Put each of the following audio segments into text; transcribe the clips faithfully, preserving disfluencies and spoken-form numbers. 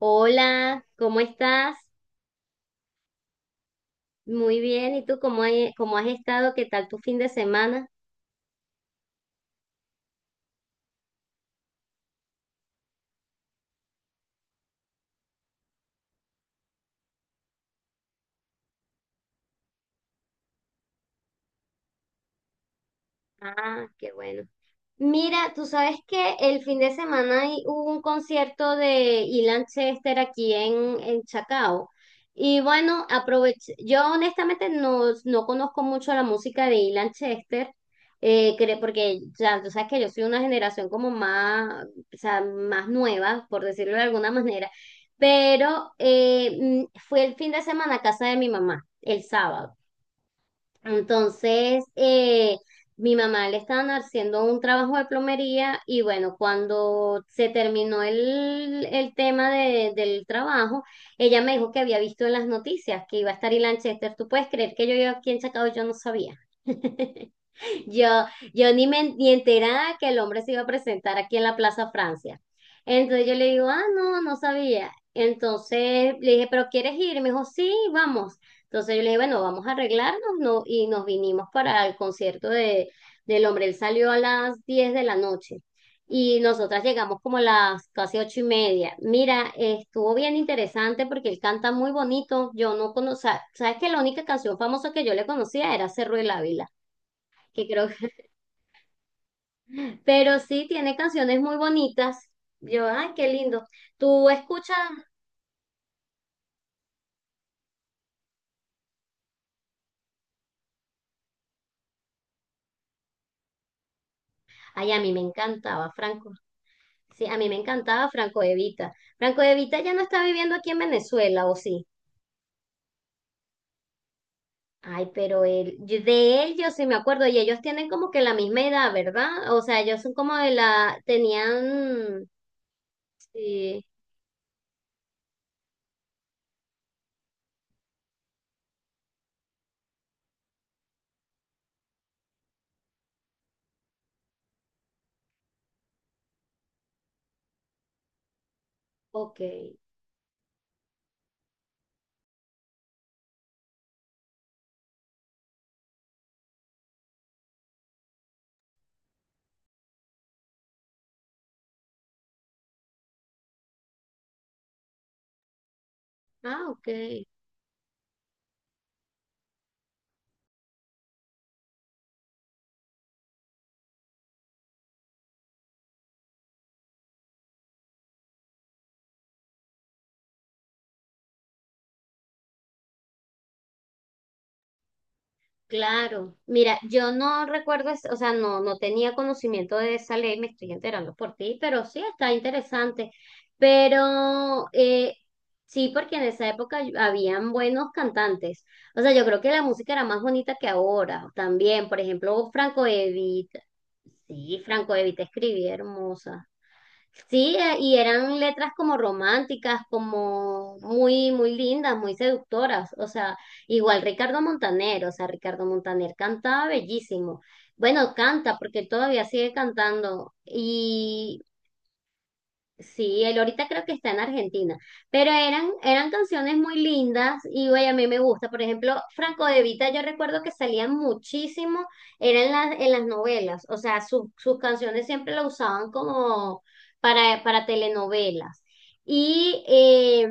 Hola, ¿cómo estás? Muy bien, ¿y tú cómo, hay- cómo has estado? ¿Qué tal tu fin de semana? Ah, qué bueno. Mira, tú sabes que el fin de semana hay- hubo un concierto de Ilan Chester aquí en, en Chacao. Y bueno, aproveché. Yo honestamente no, no conozco mucho la música de Ilan Chester, eh, cre- porque ya tú sabes que yo soy una generación como más, o sea, más nueva, por decirlo de alguna manera. Pero eh, mm, fue el fin de semana a casa de mi mamá, el sábado. Entonces, eh, mi mamá le estaban haciendo un trabajo de plomería y bueno, cuando se terminó el, el tema de- del trabajo, ella me dijo que había visto en las noticias que iba a estar Ilan Chester. ¿Tú puedes creer que yo iba aquí en Chacao y yo no sabía? Yo, yo ni me ni enterada que el hombre se iba a presentar aquí en la Plaza Francia. Entonces yo le digo, ah, no, no sabía. Entonces le dije, ¿pero quieres ir? Y me dijo, sí, vamos. Entonces yo le dije, bueno, vamos a arreglarnos, ¿no? Y nos vinimos para el concierto de, del hombre. Él salió a las diez de la noche y nosotras llegamos como a las casi ocho y media. Mira, estuvo bien interesante porque él canta muy bonito. Yo no conocía, sabes que la única canción famosa que yo le conocía era Cerro del Ávila que creo, pero sí tiene canciones muy bonitas. Yo, ay, qué lindo. Tú escuchas, ay, a mí me encantaba Franco. Sí, a mí me encantaba Franco De Vita. Franco De Vita ya no está viviendo aquí en Venezuela, ¿o sí? Ay, pero él, yo- de él yo sí me acuerdo y ellos tienen como que la misma edad, ¿verdad? O sea, ellos son como de la, tenían, sí, ok. Ah, ok. Claro, mira, yo no recuerdo, es- o sea, no, no tenía conocimiento de esa ley, me estoy enterando por ti, pero sí está interesante. Pero eh, sí, porque en esa época habían buenos cantantes. O sea, yo creo que la música era más bonita que ahora también. Por ejemplo, Franco Evita. Sí, Franco Evita escribía hermosa. Sí, eh, y eran letras como románticas, como muy, muy lindas, muy seductoras. O sea, igual Ricardo Montaner, o sea, Ricardo Montaner cantaba bellísimo. Bueno, canta porque todavía sigue cantando. Y sí, él ahorita creo que está en Argentina, pero eran, eran canciones muy lindas y güey, a mí me gusta. Por ejemplo, Franco De Vita, yo recuerdo que salían muchísimo, eran las, en las novelas, o sea, su- sus canciones siempre lo usaban como para, para telenovelas. ¿Y eh,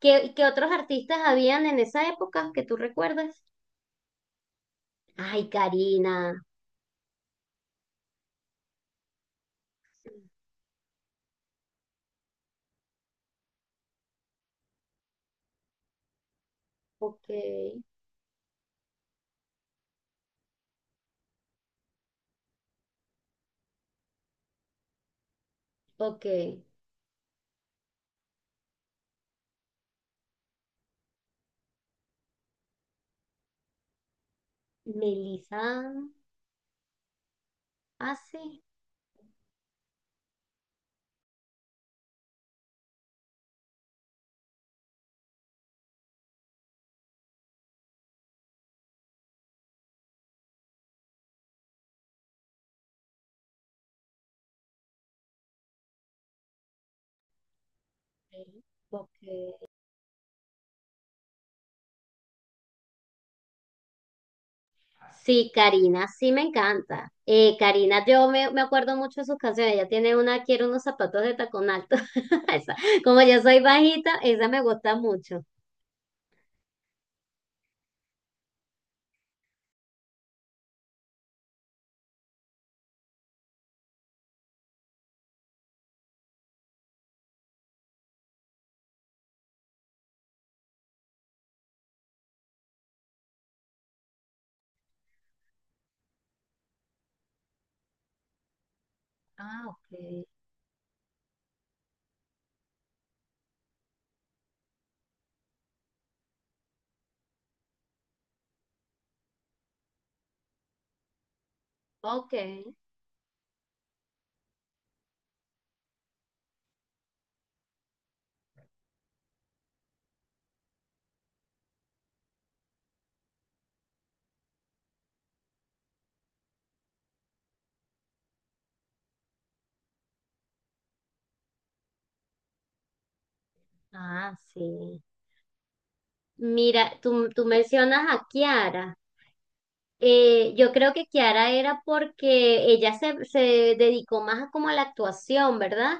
¿qué, qué otros artistas habían en esa época que tú recuerdas? Ay, Karina, ok, ok. Melissa, ah, sí, ok. Sí, Karina, sí me encanta. Eh, Karina, yo me, me acuerdo mucho de sus canciones. Ella tiene una, quiero unos zapatos de tacón alto. Esa. Como yo soy bajita, esa me gusta mucho. Ah, ok. Ok. Ah, sí. Mira, tú, tú mencionas a Kiara. Eh, yo creo que Kiara era porque ella se, se dedicó más a como a la actuación, ¿verdad?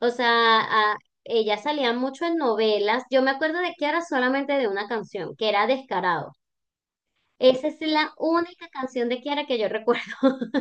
O sea, a- ella salía mucho en novelas. Yo me acuerdo de Kiara solamente de una canción, que era Descarado. Esa es la única canción de Kiara que yo recuerdo.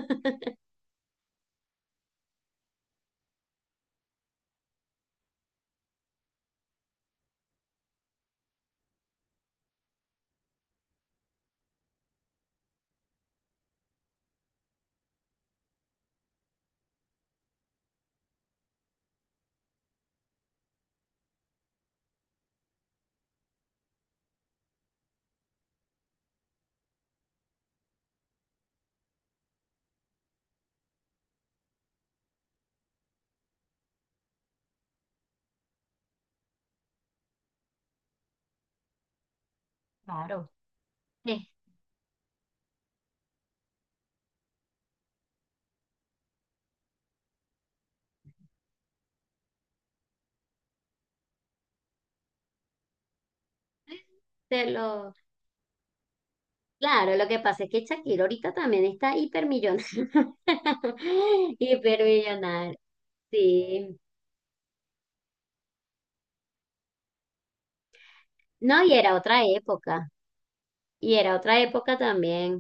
Claro. Este, lo... Claro, lo que pasa es que Shakira ahorita también está hipermillonaria. Hipermillonaria, sí. No, y era otra época. Y era otra época también.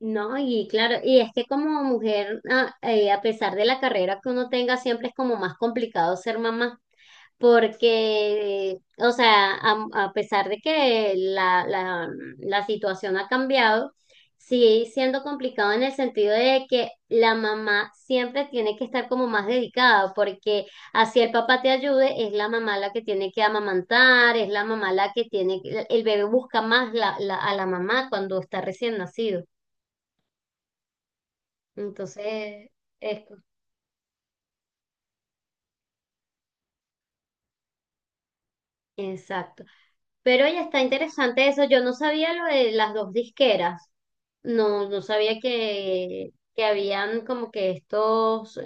No, y claro, y es que como mujer, a, eh, a pesar de la carrera que uno tenga, siempre es como más complicado ser mamá. Porque, o sea, a, a pesar de que la, la, la situación ha cambiado, sigue siendo complicado en el sentido de que la mamá siempre tiene que estar como más dedicada, porque así el papá te ayude, es la mamá la que tiene que amamantar, es la mamá la que tiene, que- el bebé busca más la, la- a la mamá cuando está recién nacido. Entonces, es, exacto. Pero ya está interesante eso. Yo no sabía lo de las dos disqueras. No, no sabía que, que habían como que estos,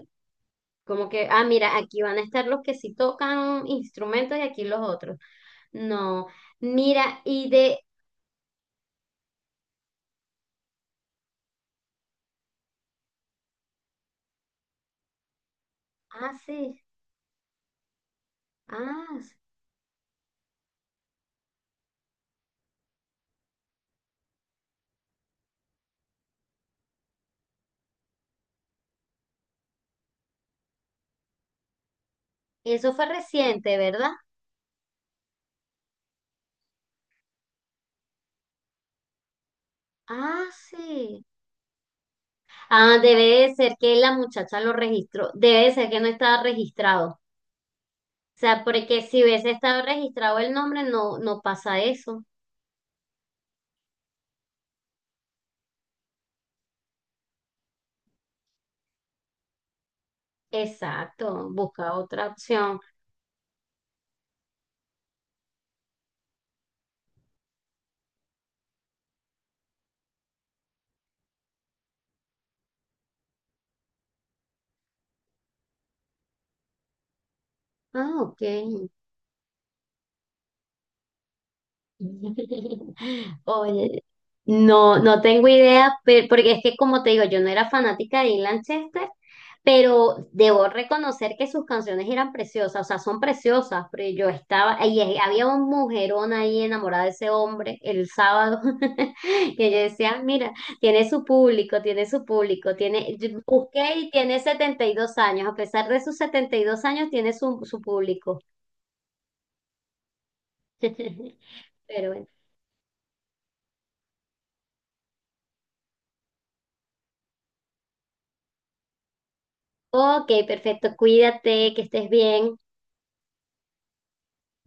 como que, ah, mira, aquí van a estar los que sí tocan instrumentos y aquí los otros. No, mira, y de, ah, sí, ah, sí. Eso fue reciente, ¿verdad? Ah, sí. Ah, debe de ser que la muchacha lo registró, debe de ser que no estaba registrado. O sea, porque si hubiese estado registrado el nombre, no, no pasa eso. Exacto, busca otra opción. Ah, ok. Oye, no, no tengo idea, pe- porque es que como te digo, yo no era fanática de Ian Chester, pero debo reconocer que sus canciones eran preciosas, o sea, son preciosas, pero yo estaba, y es- había un mujerón ahí enamorada de ese hombre el sábado, que yo decía, mira, tiene su público, tiene su público, tiene, yo busqué y tiene setenta y dos años, a pesar de sus setenta y dos años, tiene su, su público. Pero bueno. Ok, perfecto. Cuídate, que estés bien.